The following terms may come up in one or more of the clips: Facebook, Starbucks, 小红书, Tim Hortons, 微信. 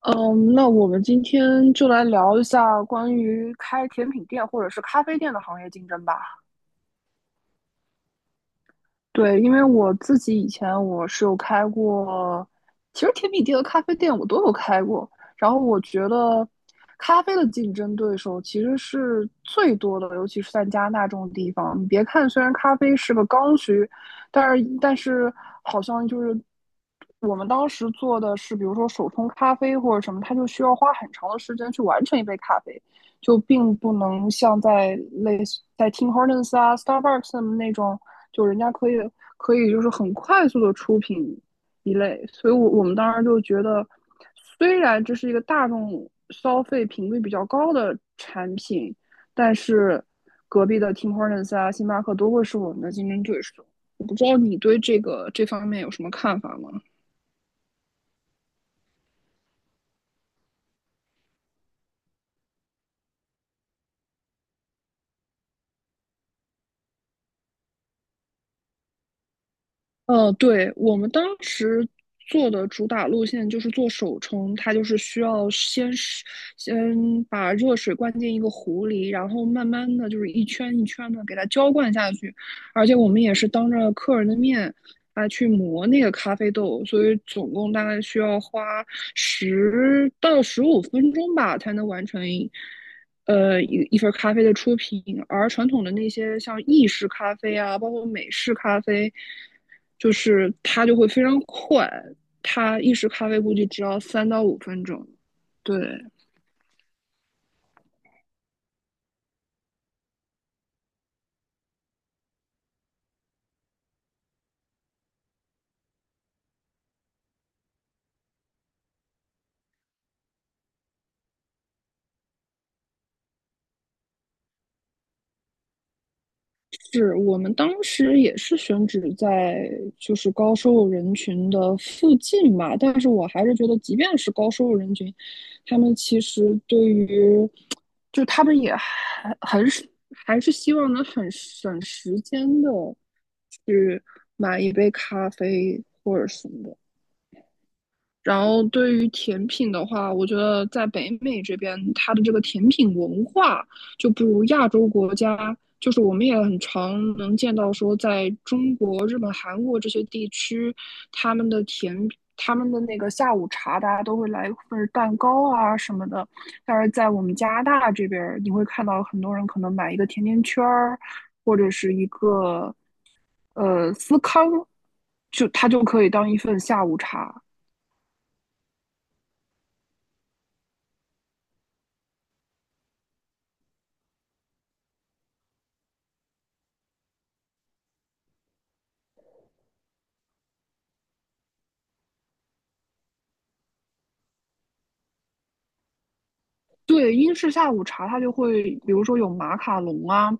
嗯，那我们今天就来聊一下关于开甜品店或者是咖啡店的行业竞争吧。对，因为我自己以前我是有开过，其实甜品店和咖啡店我都有开过。然后我觉得，咖啡的竞争对手其实是最多的，尤其是在加拿大这种地方。你别看虽然咖啡是个刚需，但是好像就是我们当时做的是，比如说手冲咖啡或者什么，它就需要花很长的时间去完成一杯咖啡。就并不能像在类似在 Tim Hortons 啊、Starbucks 那种，就人家可以就是很快速的出品一类，所以我们当时就觉得，虽然这是一个大众消费频率比较高的产品，但是隔壁的 Tim Hortons 啊、星巴克都会是我们的竞争对手。我不知道你对这方面有什么看法吗？对，我们当时做的主打路线就是做手冲，它就是需要先把热水灌进一个壶里，然后慢慢的就是一圈一圈的给它浇灌下去，而且我们也是当着客人的面来去磨那个咖啡豆，所以总共大概需要花10到15分钟吧才能完成一份咖啡的出品，而传统的那些像意式咖啡啊，包括美式咖啡，就是它就会非常快，它意式咖啡估计只要3到5分钟。对，是我们当时也是选址在就是高收入人群的附近吧，但是我还是觉得，即便是高收入人群，他们其实对于，就他们也还是希望能很省时间的买一杯咖啡或者什么的。然后对于甜品的话，我觉得在北美这边，它的这个甜品文化就不如亚洲国家。就是我们也很常能见到说，在中国、日本、韩国这些地区，他们的甜他们的那个下午茶，大家都会来一份蛋糕啊什么的。但是在我们加拿大这边你会看到很多人可能买一个甜甜圈儿，或者是一个司康就它就可以当一份下午茶。对，英式下午茶它就会，比如说有马卡龙啊，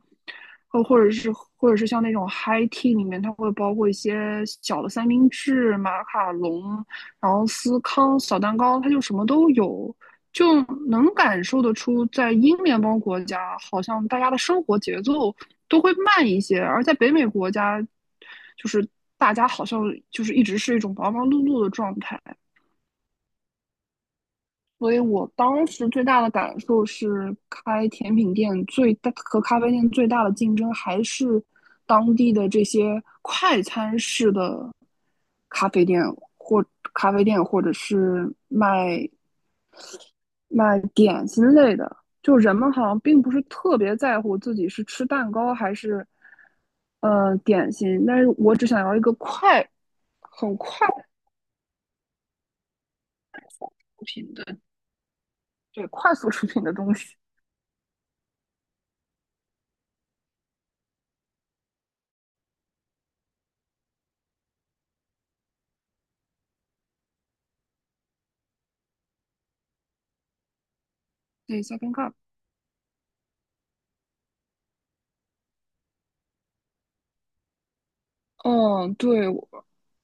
或者是像那种 high tea 里面，它会包括一些小的三明治、马卡龙，然后司康、小蛋糕，它就什么都有，就能感受得出，在英联邦国家，好像大家的生活节奏都会慢一些，而在北美国家，就是大家好像就是一直是一种忙忙碌碌的状态。所以我当时最大的感受是，开甜品店最大和咖啡店最大的竞争还是当地的这些快餐式的咖啡店或咖啡店，或者是卖点心类的。就人们好像并不是特别在乎自己是吃蛋糕还是点心，但是我只想要一个快、很快出品的，对，快速出品的东西。对 s e c o 嗯，对，我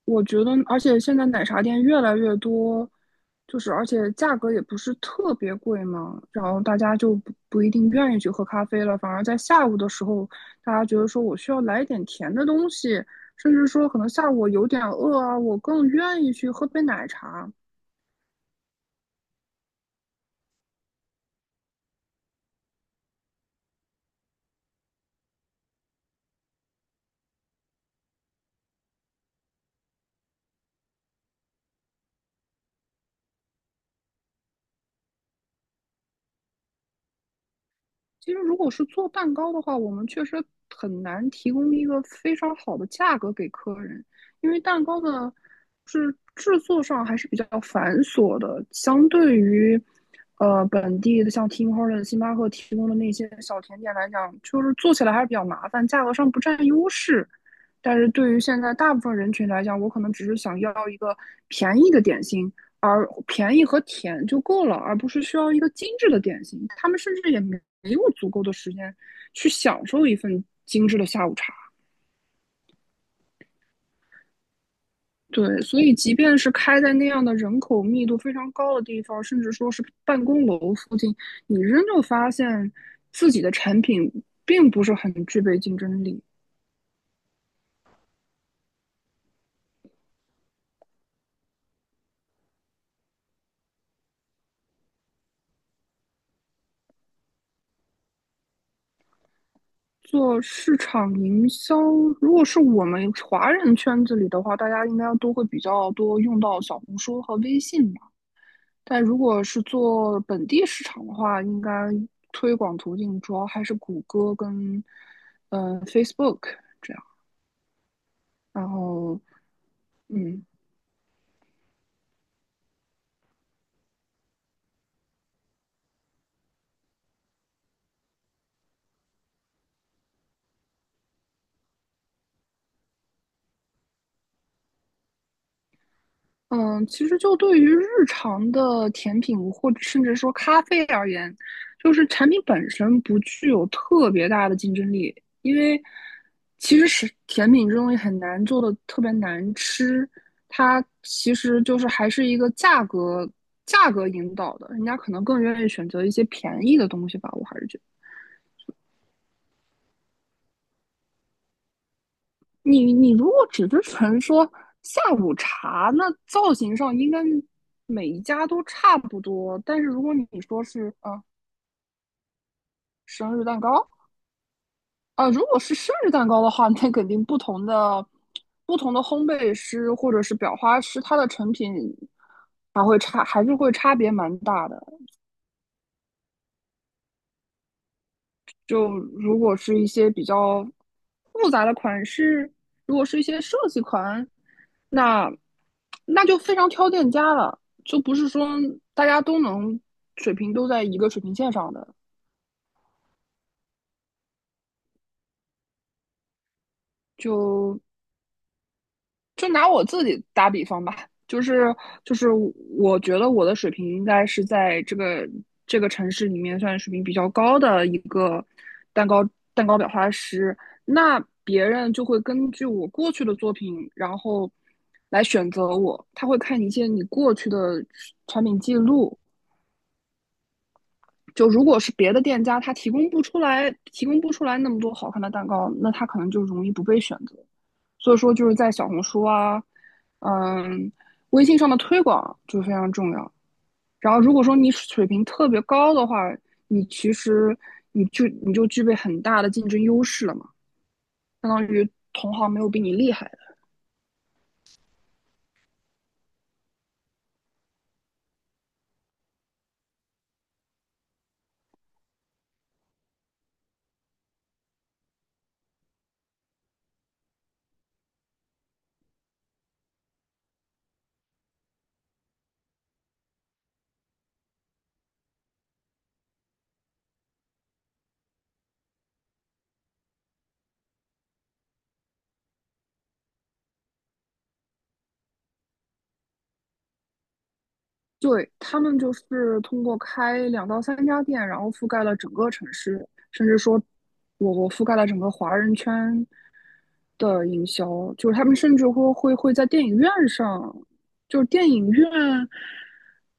我觉得，而且现在奶茶店越来越多，就是而且价格也不是特别贵嘛，然后大家就不一定愿意去喝咖啡了，反而在下午的时候，大家觉得说我需要来一点甜的东西，甚至说可能下午我有点饿啊，我更愿意去喝杯奶茶。其实如果是做蛋糕的话，我们确实很难提供一个非常好的价格给客人，因为蛋糕的是制作上还是比较繁琐的，相对于本地的像 Tim Hortons、星巴克提供的那些小甜点来讲，就是做起来还是比较麻烦，价格上不占优势。但是对于现在大部分人群来讲，我可能只是想要一个便宜的点心，而便宜和甜就够了，而不是需要一个精致的点心。他们甚至也没有足够的时间去享受一份精致的下午茶。对，所以即便是开在那样的人口密度非常高的地方，甚至说是办公楼附近，你仍旧发现自己的产品并不是很具备竞争力。做市场营销，如果是我们华人圈子里的话，大家应该都会比较多用到小红书和微信。但如果是做本地市场的话，应该推广途径主要还是谷歌跟Facebook 这样。然后，嗯，嗯，其实就对于日常的甜品或者甚至说咖啡而言，就是产品本身不具有特别大的竞争力，因为其实是甜品这东西很难做的特别难吃，它其实就是还是一个价格引导的，人家可能更愿意选择一些便宜的东西吧，我还是觉得。你如果只是纯说下午茶，那造型上应该每一家都差不多。但是如果你说是啊、生日蛋糕啊、如果是生日蛋糕的话，那肯定不同的烘焙师或者是裱花师，它的成品还会差，还是会差别蛮大的。就如果是一些比较复杂的款式，如果是一些设计款，那那就非常挑店家了，就不是说大家都能水平都在一个水平线上的。就就拿我自己打比方吧，就是我觉得我的水平应该是在这个城市里面算水平比较高的一个蛋糕蛋糕裱花师，那别人就会根据我过去的作品，然后来选择我，他会看一些你过去的产品记录。就如果是别的店家，他提供不出来那么多好看的蛋糕，那他可能就容易不被选择。所以说就是在小红书啊，嗯，微信上的推广就非常重要。然后如果说你水平特别高的话，你其实你就具备很大的竞争优势了嘛，相当于同行没有比你厉害的。对，他们就是通过开2到3家店，然后覆盖了整个城市，甚至说我覆盖了整个华人圈，的营销，就是他们甚至会在电影院上，就是电影院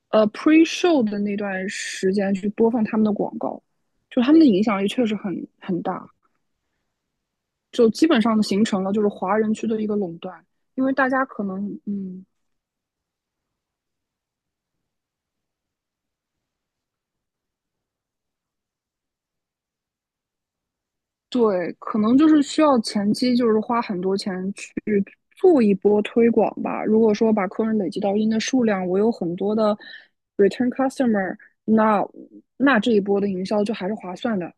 pre show 的那段时间去播放他们的广告，就他们的影响力确实很大，就基本上形成了就是华人区的一个垄断，因为大家可能。对，可能就是需要前期就是花很多钱去做一波推广吧。如果说把客人累积到一定的数量，我有很多的 return customer，那那这一波的营销就还是划算的。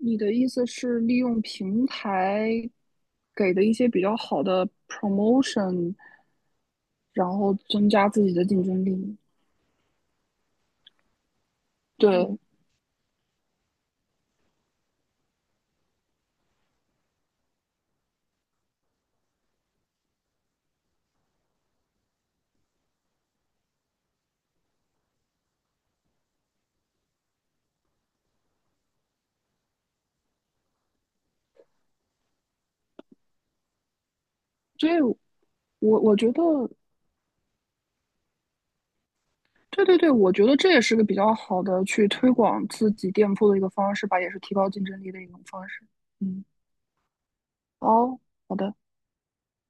你的意思是利用平台给的一些比较好的 promotion，然后增加自己的竞争力？对，所以我觉得。对对对，我觉得这也是个比较好的去推广自己店铺的一个方式吧，也是提高竞争力的一种方式。嗯，哦，好的。